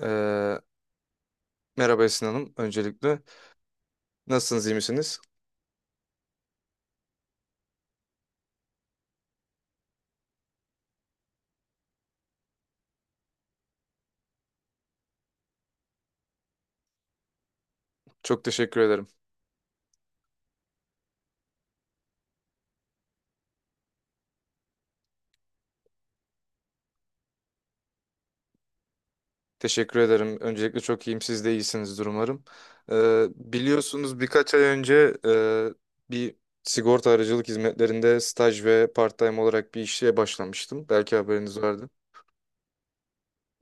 Ee, Merhaba Esin Hanım. Öncelikle nasılsınız, iyi misiniz? Çok teşekkür ederim. Teşekkür ederim. Öncelikle çok iyiyim. Siz de iyisinizdir umarım. Ee, Biliyorsunuz birkaç ay önce bir sigorta aracılık hizmetlerinde staj ve part-time olarak bir işe başlamıştım. Belki haberiniz vardı.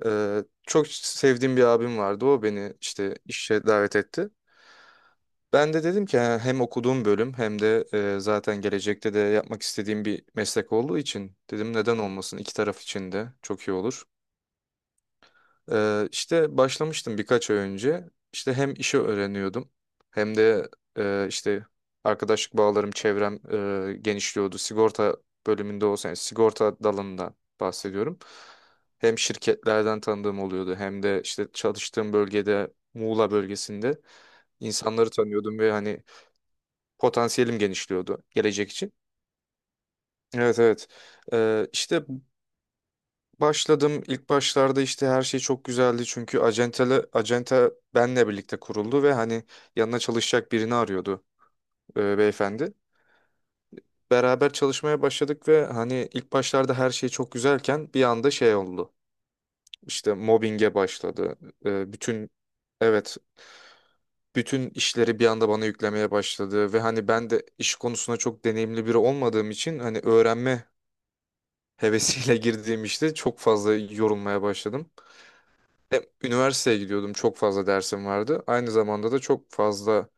Çok sevdiğim bir abim vardı. O beni işte işe davet etti. Ben de dedim ki "Ha, hem okuduğum bölüm hem de zaten gelecekte de yapmak istediğim bir meslek olduğu için dedim neden olmasın, iki taraf için de çok iyi olur. İşte başlamıştım birkaç ay önce. İşte hem işi öğreniyordum hem de işte arkadaşlık bağlarım, çevrem genişliyordu. Sigorta bölümünde olsaydı, sigorta dalından bahsediyorum. Hem şirketlerden tanıdığım oluyordu hem de işte çalıştığım bölgede, Muğla bölgesinde insanları tanıyordum ve hani potansiyelim genişliyordu gelecek için. Evet, evet. İşte başladım. İlk başlarda işte her şey çok güzeldi, çünkü acente benle birlikte kuruldu ve hani yanına çalışacak birini arıyordu beyefendi. Beraber çalışmaya başladık ve hani ilk başlarda her şey çok güzelken bir anda şey oldu. İşte mobbinge başladı. Bütün evet bütün işleri bir anda bana yüklemeye başladı ve hani ben de iş konusunda çok deneyimli biri olmadığım için, hani öğrenme hevesiyle girdiğim işte çok fazla yorulmaya başladım. Hem üniversiteye gidiyordum, çok fazla dersim vardı. Aynı zamanda da çok fazla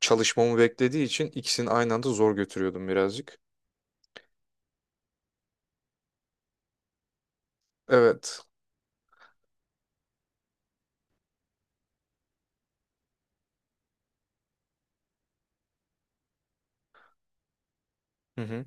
çalışmamı beklediği için ikisini aynı anda zor götürüyordum birazcık. Evet. Hı hı.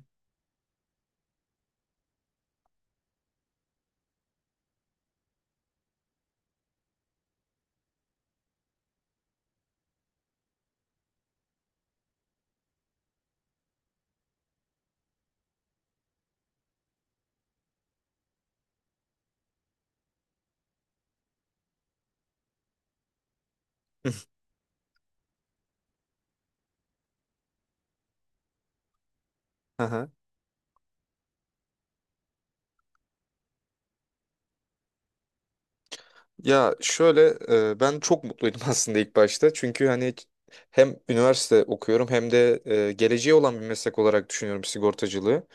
Aha. Ya şöyle, ben çok mutluydum aslında ilk başta. Çünkü hani hem üniversite okuyorum hem de geleceği olan bir meslek olarak düşünüyorum sigortacılığı.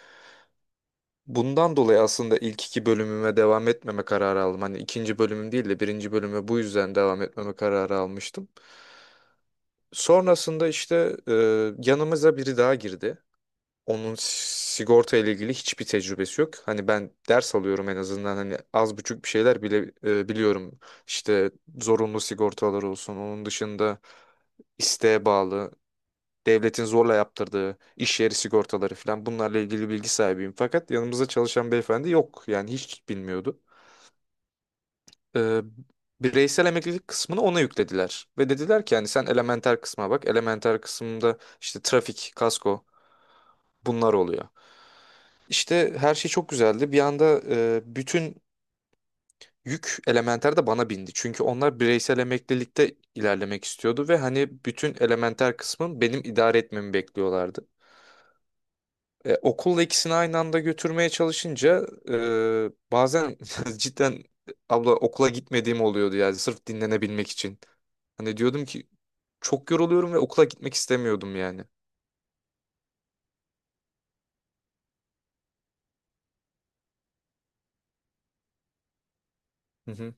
Bundan dolayı aslında ilk iki bölümüme devam etmeme kararı aldım. Hani ikinci bölümüm değil de birinci bölüme bu yüzden devam etmeme kararı almıştım. Sonrasında işte yanımıza biri daha girdi. Onun sigorta ile ilgili hiçbir tecrübesi yok. Hani ben ders alıyorum en azından, hani az buçuk bir şeyler bile biliyorum. İşte zorunlu sigortalar olsun. Onun dışında isteğe bağlı, devletin zorla yaptırdığı iş yeri sigortaları falan, bunlarla ilgili bilgi sahibiyim. Fakat yanımızda çalışan beyefendi yok, yani hiç bilmiyordu. Ee, Bireysel emeklilik kısmını ona yüklediler ve dediler ki yani sen elementer kısma bak. Elementer kısımda işte trafik, kasko, bunlar oluyor. İşte her şey çok güzeldi. Bir anda bütün yük elementer de bana bindi. Çünkü onlar bireysel emeklilikte ilerlemek istiyordu ve hani bütün elementer kısmın benim idare etmemi bekliyorlardı. Okulla ikisini aynı anda götürmeye çalışınca bazen cidden abla okula gitmediğim oluyordu, yani sırf dinlenebilmek için. Hani diyordum ki çok yoruluyorum ve okula gitmek istemiyordum yani. Hı hı.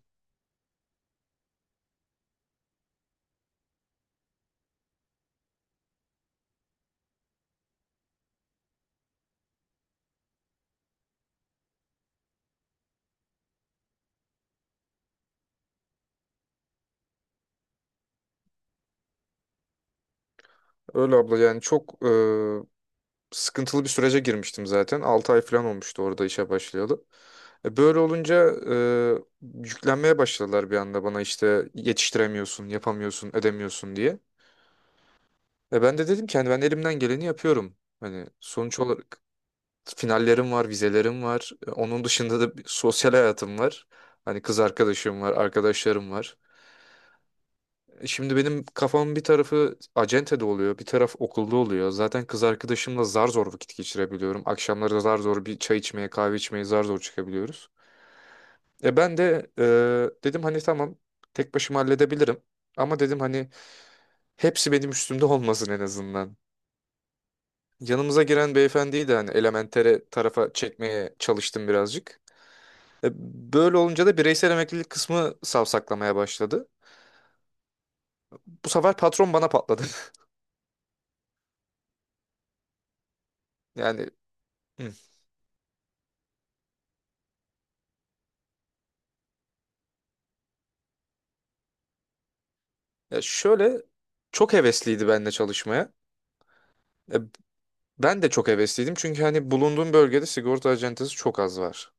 Öyle abla, yani çok sıkıntılı bir sürece girmiştim zaten. 6 ay falan olmuştu orada işe başlayalı. Böyle olunca yüklenmeye başladılar bir anda bana, işte yetiştiremiyorsun, yapamıyorsun, edemiyorsun diye. Ben de dedim ki hani ben elimden geleni yapıyorum. Hani sonuç olarak finallerim var, vizelerim var. Onun dışında da bir sosyal hayatım var. Hani kız arkadaşım var, arkadaşlarım var. Şimdi benim kafamın bir tarafı acentede oluyor, bir taraf okulda oluyor. Zaten kız arkadaşımla zar zor vakit geçirebiliyorum. Akşamları da zar zor bir çay içmeye, kahve içmeye zar zor çıkabiliyoruz. Ben de, dedim hani tamam, tek başıma halledebilirim. Ama dedim hani hepsi benim üstümde olmasın en azından. Yanımıza giren beyefendiyi de hani elementere tarafa çekmeye çalıştım birazcık. E, Böyle olunca da bireysel emeklilik kısmı savsaklamaya başladı. Bu sefer patron bana patladı. Yani hı. Ya şöyle, çok hevesliydi benimle çalışmaya. E, Ben de çok hevesliydim çünkü hani bulunduğum bölgede sigorta acentesi çok az var.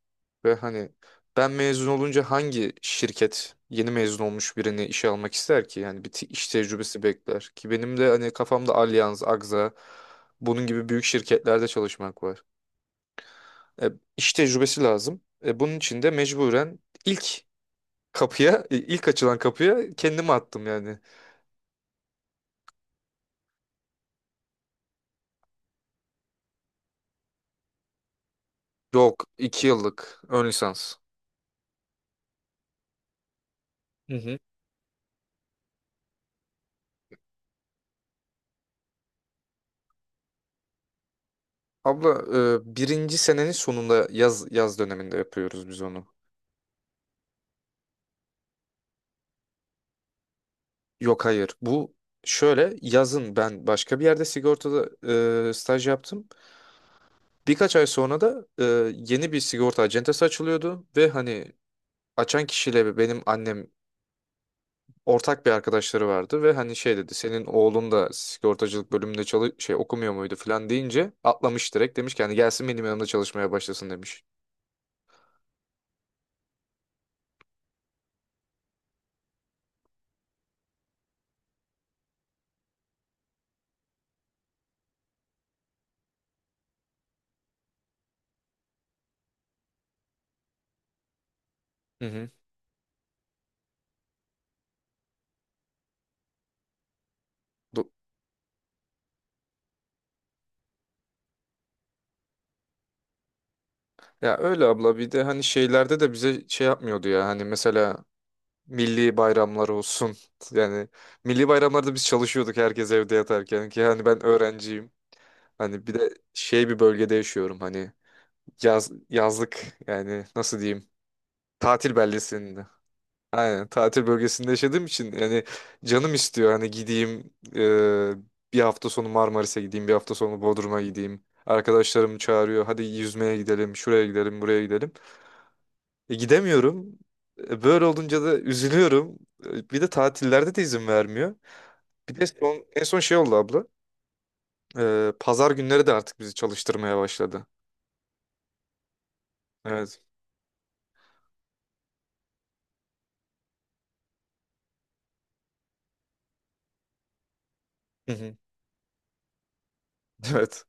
Ve hani ben mezun olunca hangi şirket yeni mezun olmuş birini işe almak ister ki? Yani bir iş tecrübesi bekler ki, benim de hani kafamda Allianz, Agza bunun gibi büyük şirketlerde çalışmak var. E, iş tecrübesi lazım. Bunun için de mecburen ilk ilk açılan kapıya kendimi attım yani. Yok, 2 yıllık ön lisans. Hı hı. Abla, birinci senenin sonunda yaz döneminde yapıyoruz biz onu. Yok, hayır, bu şöyle, yazın ben başka bir yerde sigortada staj yaptım. Birkaç ay sonra da yeni bir sigorta acentesi açılıyordu ve hani açan kişiyle benim annem ortak bir arkadaşları vardı ve hani şey dedi, senin oğlun da sigortacılık bölümünde çalış şey okumuyor muydu falan deyince atlamış direkt, demiş ki hani gelsin benim yanımda çalışmaya başlasın demiş. Hı hı. Bu- Ya öyle abla, bir de hani şeylerde de bize şey yapmıyordu ya, hani mesela milli bayramlar olsun. Yani milli bayramlarda biz çalışıyorduk, herkes evde yatarken, ki hani ben öğrenciyim. Hani bir de şey bir bölgede yaşıyorum, hani yazlık, yani nasıl diyeyim, tatil beldesinde. Aynen tatil bölgesinde yaşadığım için, yani canım istiyor hani gideyim, bir hafta sonu Marmaris'e gideyim, bir hafta sonu Bodrum'a gideyim. Arkadaşlarım çağırıyor hadi yüzmeye gidelim, şuraya gidelim, buraya gidelim. Gidemiyorum. Böyle olunca da üzülüyorum. Bir de tatillerde de izin vermiyor. Bir de en son şey oldu abla. Pazar günleri de artık bizi çalıştırmaya başladı. Evet. Hı hı. Evet.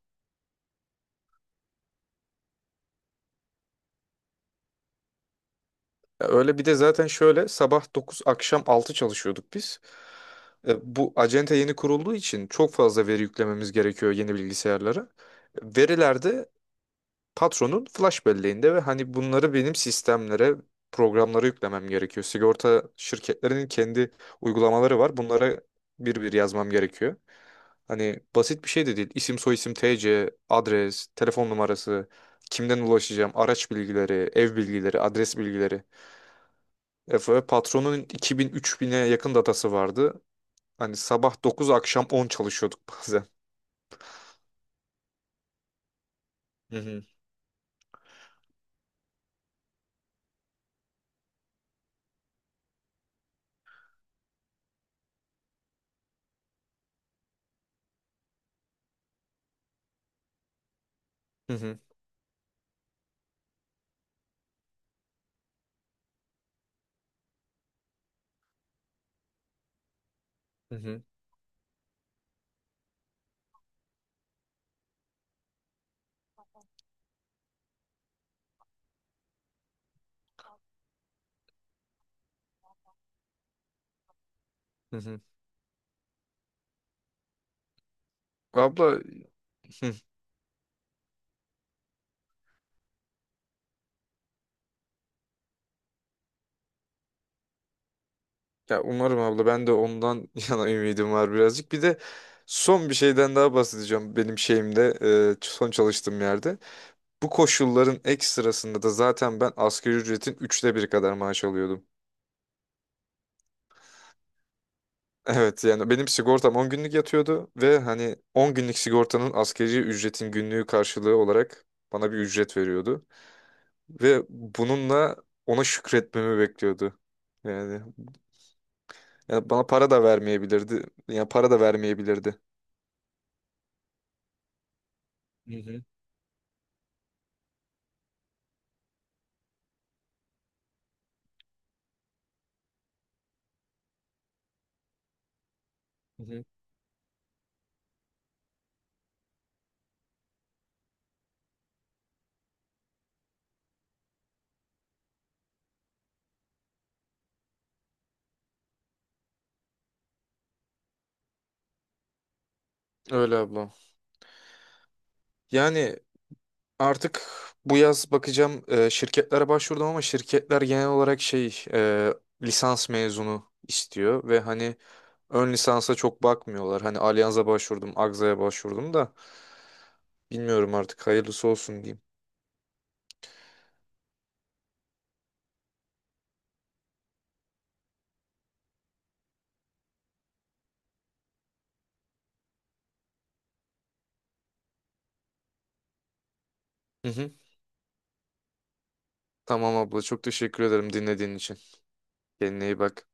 Ya öyle, bir de zaten şöyle sabah 9 akşam 6 çalışıyorduk biz. Bu acente yeni kurulduğu için çok fazla veri yüklememiz gerekiyor yeni bilgisayarlara. Verilerde patronun flash belleğinde ve hani bunları benim sistemlere, programlara yüklemem gerekiyor. Sigorta şirketlerinin kendi uygulamaları var. Bunlara bir bir yazmam gerekiyor. Hani basit bir şey de değil. İsim, soyisim, TC, adres, telefon numarası, kimden ulaşacağım, araç bilgileri, ev bilgileri, adres bilgileri. Efe patronun 2000-3000'e yakın datası vardı. Hani sabah 9 akşam 10 çalışıyorduk bazen. Hı hı. Hı hı. Hı hı. Hı hı. Abla hı. Ya umarım abla, ben de ondan yana ümidim var birazcık. Bir de son bir şeyden daha bahsedeceğim, benim şeyimde, son çalıştığım yerde. Bu koşulların ekstrasında da zaten ben asgari ücretin üçte biri kadar maaş alıyordum. Evet, yani benim sigortam 10 günlük yatıyordu ve hani 10 günlük sigortanın asgari ücretin günlüğü karşılığı olarak bana bir ücret veriyordu. Ve bununla ona şükretmemi bekliyordu. Yani, yani bana para da vermeyebilirdi. Yani para da vermeyebilirdi. Hı hı. Hı hı. Öyle abla. Yani artık bu yaz bakacağım, şirketlere başvurdum ama şirketler genel olarak şey, lisans mezunu istiyor ve hani ön lisansa çok bakmıyorlar. Hani Allianz'a başvurdum, Agza'ya başvurdum da bilmiyorum artık, hayırlısı olsun diyeyim. Hı hı. Tamam abla, çok teşekkür ederim dinlediğin için. Kendine iyi bak.